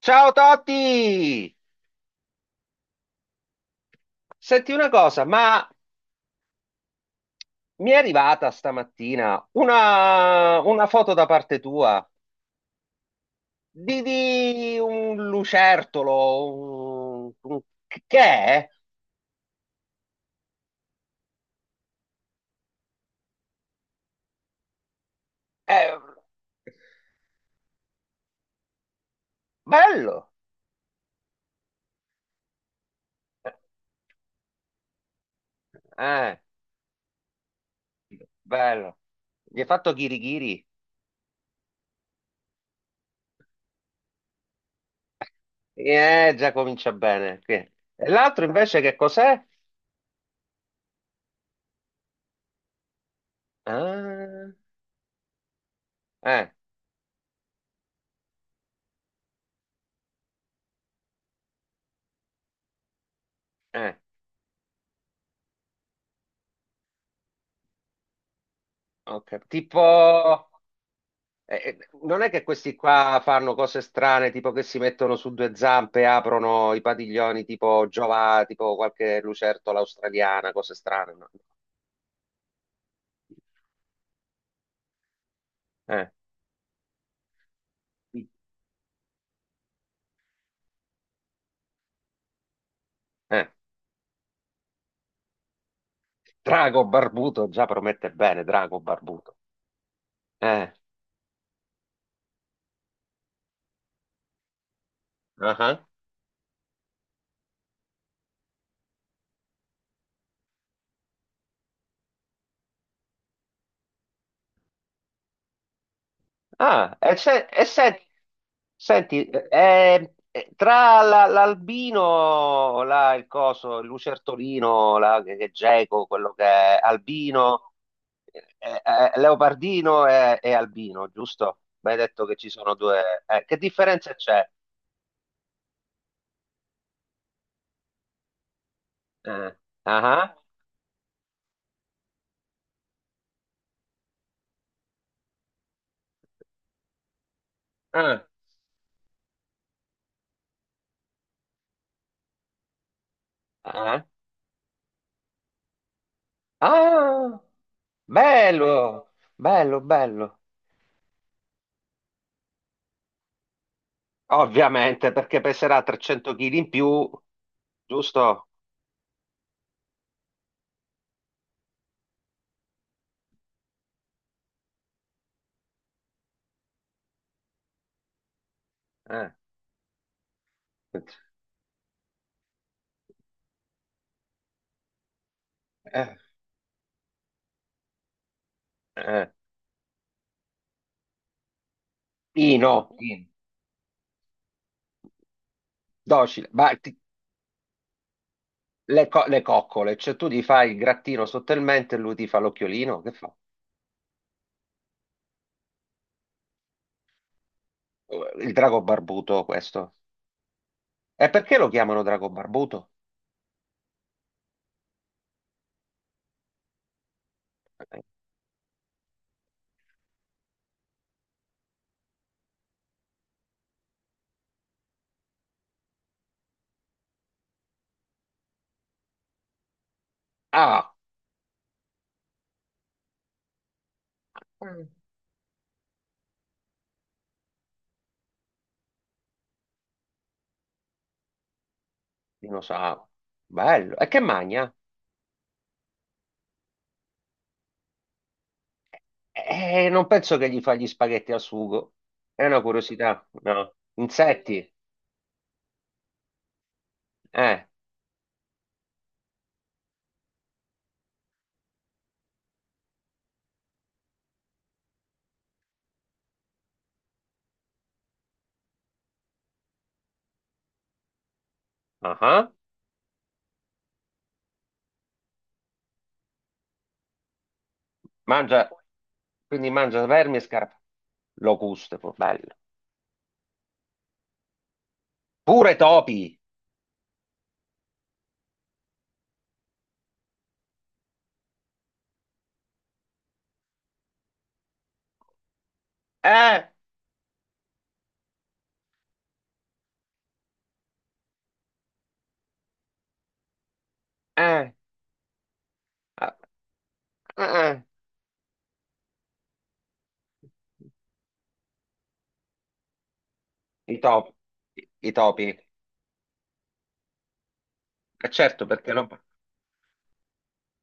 Ciao Totti! Senti una cosa, ma mi è arrivata stamattina una foto da parte tua di un lucertolo, che è? Eh, bello, eh, bello. Gli hai fatto ghirigiri? Già comincia bene. E l'altro invece che cos'è? Ah, eh, eh, ok. Tipo... non è che questi qua fanno cose strane, tipo che si mettono su due zampe, aprono i padiglioni tipo Giova, tipo qualche lucertola australiana, cose strane, no? Eh, eh. Drago barbuto già promette bene, drago barbuto. Eh. Ah, ah. Ah, e, senti, l'albino, là, il coso, il lucertolino, là, che è geco, quello che è albino, eh, eh, leopardino e albino, giusto? Mi hai detto che ci sono due. Eh, che differenza c'è? Eh, ah, ah, ah, ah, ah, bello, bello, bello. Ovviamente, perché peserà 300 kg in più, giusto? Eh. Eh, eh. Pino, Pino. Docile, le coccole, cioè tu gli fai il grattino sottotalmente e lui ti fa l'occhiolino, che fa? Il drago barbuto questo. E perché lo chiamano drago barbuto? Eh, Ah, mm, dinosauro, bello. E che magna? Non penso che gli fa gli spaghetti al sugo. È una curiosità, no? Insetti? Eh, ah, ah. Mangia, quindi mangia vermi e scarpe. Locuste, poi, bello. Pure topi! Eh, eh, eh, eh, eh. I topi, i topi. Certo, perché non,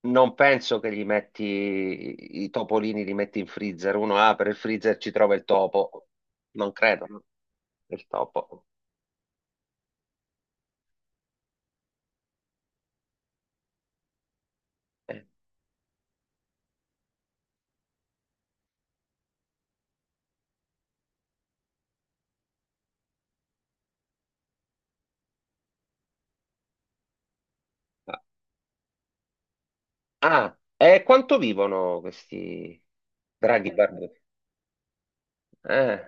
non penso che gli metti i topolini, li metti in freezer. Uno apre il freezer, ci trova il topo. Non credo, no? Il topo. Eh, Ah, ah, e quanto vivono questi draghi barbuti? Eh,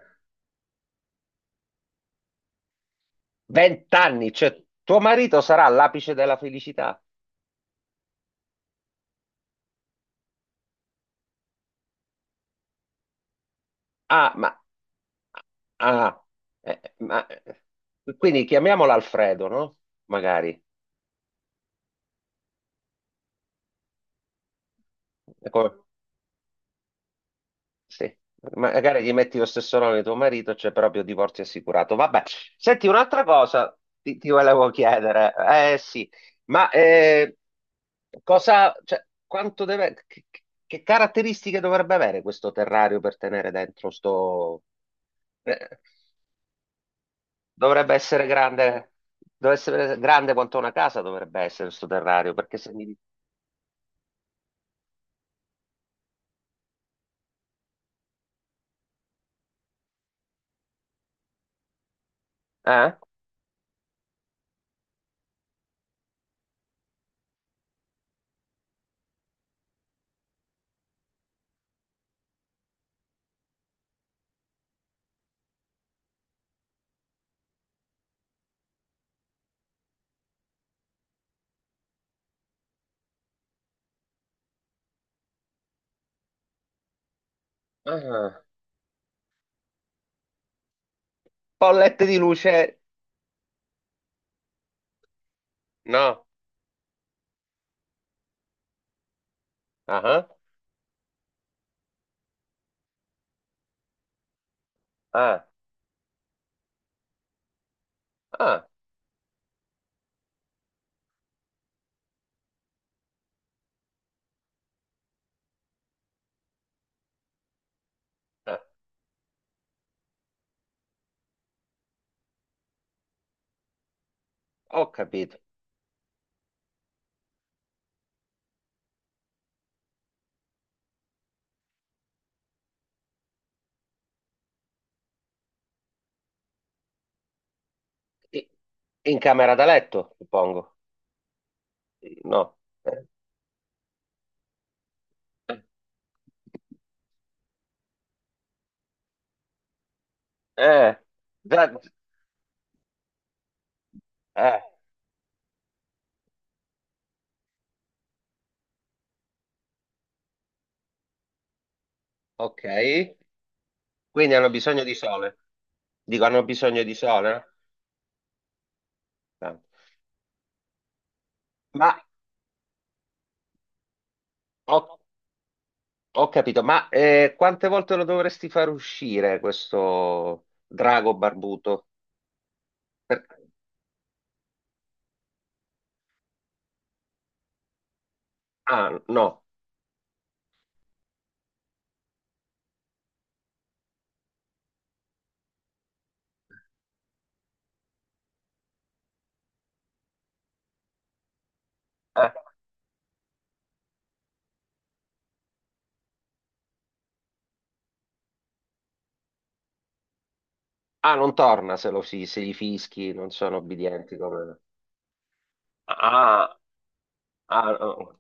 vent'anni, cioè tuo marito sarà all'apice della felicità. Ah, ma ah, ma, quindi chiamiamola Alfredo, no? Magari. È come- sì. Magari gli metti lo stesso nome di tuo marito, c'è proprio divorzio assicurato. Vabbè, senti, un'altra cosa ti volevo chiedere. Eh sì, ma cosa, cioè, quanto deve, che caratteristiche dovrebbe avere questo terrario per tenere dentro sto... Eh, dovrebbe essere grande, dovrebbe essere grande quanto una casa dovrebbe essere sto terrario, perché se mi... Eh? Ah, bollette di luce? No. Ah, ah, ah, ah, ho capito. I- In camera da letto, suppongo. No. Eh, eh, da- eh, ok. Quindi hanno bisogno di sole. Dico, hanno bisogno di sole, no? Ma ho, ho capito, ma quante volte lo dovresti far uscire questo drago barbuto? Ah, no. Eh. Ah, non torna se, se gli fischi non sono obbedienti come... Ah, ah, oh.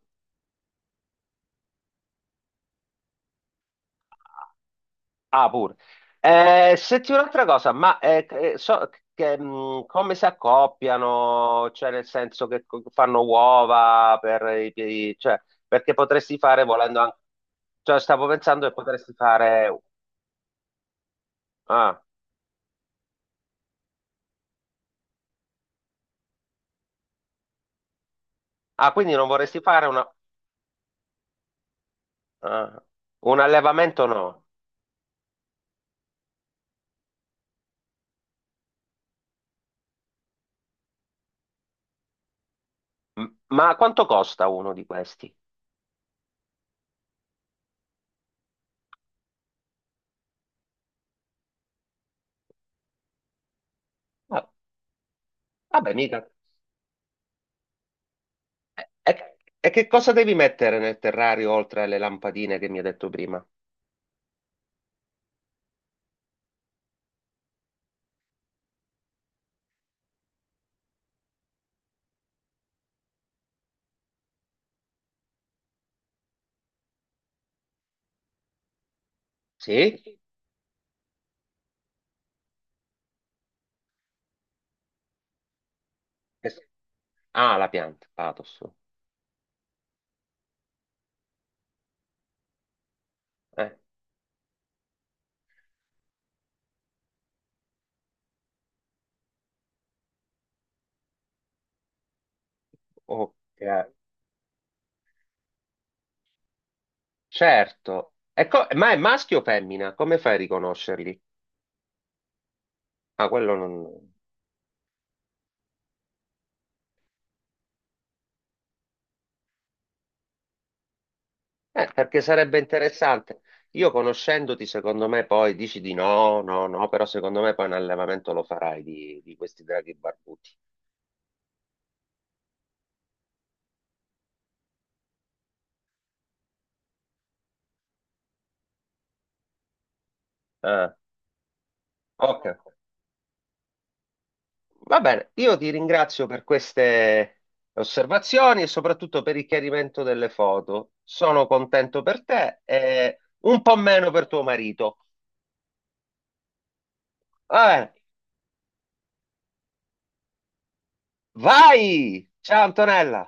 Ah, ah, pure. Senti un'altra cosa, ma so che, come si accoppiano? Cioè, nel senso che fanno uova per i piedi, cioè, perché potresti fare volendo anche... Cioè, stavo pensando che potresti fare... Ah, ah, quindi non vorresti fare una... Ah, un allevamento, no. Ma quanto costa uno di questi? Ah, vabbè, mica. E, e che cosa devi mettere nel terrario oltre alle lampadine che mi hai detto prima? Sì? Es- Ah, la pianta, pathos. Eh, ok, certo. E ma è maschio o femmina? Come fai a riconoscerli? Ah, quello non... perché sarebbe interessante. Io conoscendoti, secondo me, poi dici di no, no, no, però secondo me poi un allevamento lo farai di questi draghi barbuti. Ah, ok. Va bene, io ti ringrazio per queste osservazioni e soprattutto per il chiarimento delle foto. Sono contento per te e un po' meno per tuo marito. Va bene, vai! Ciao Antonella!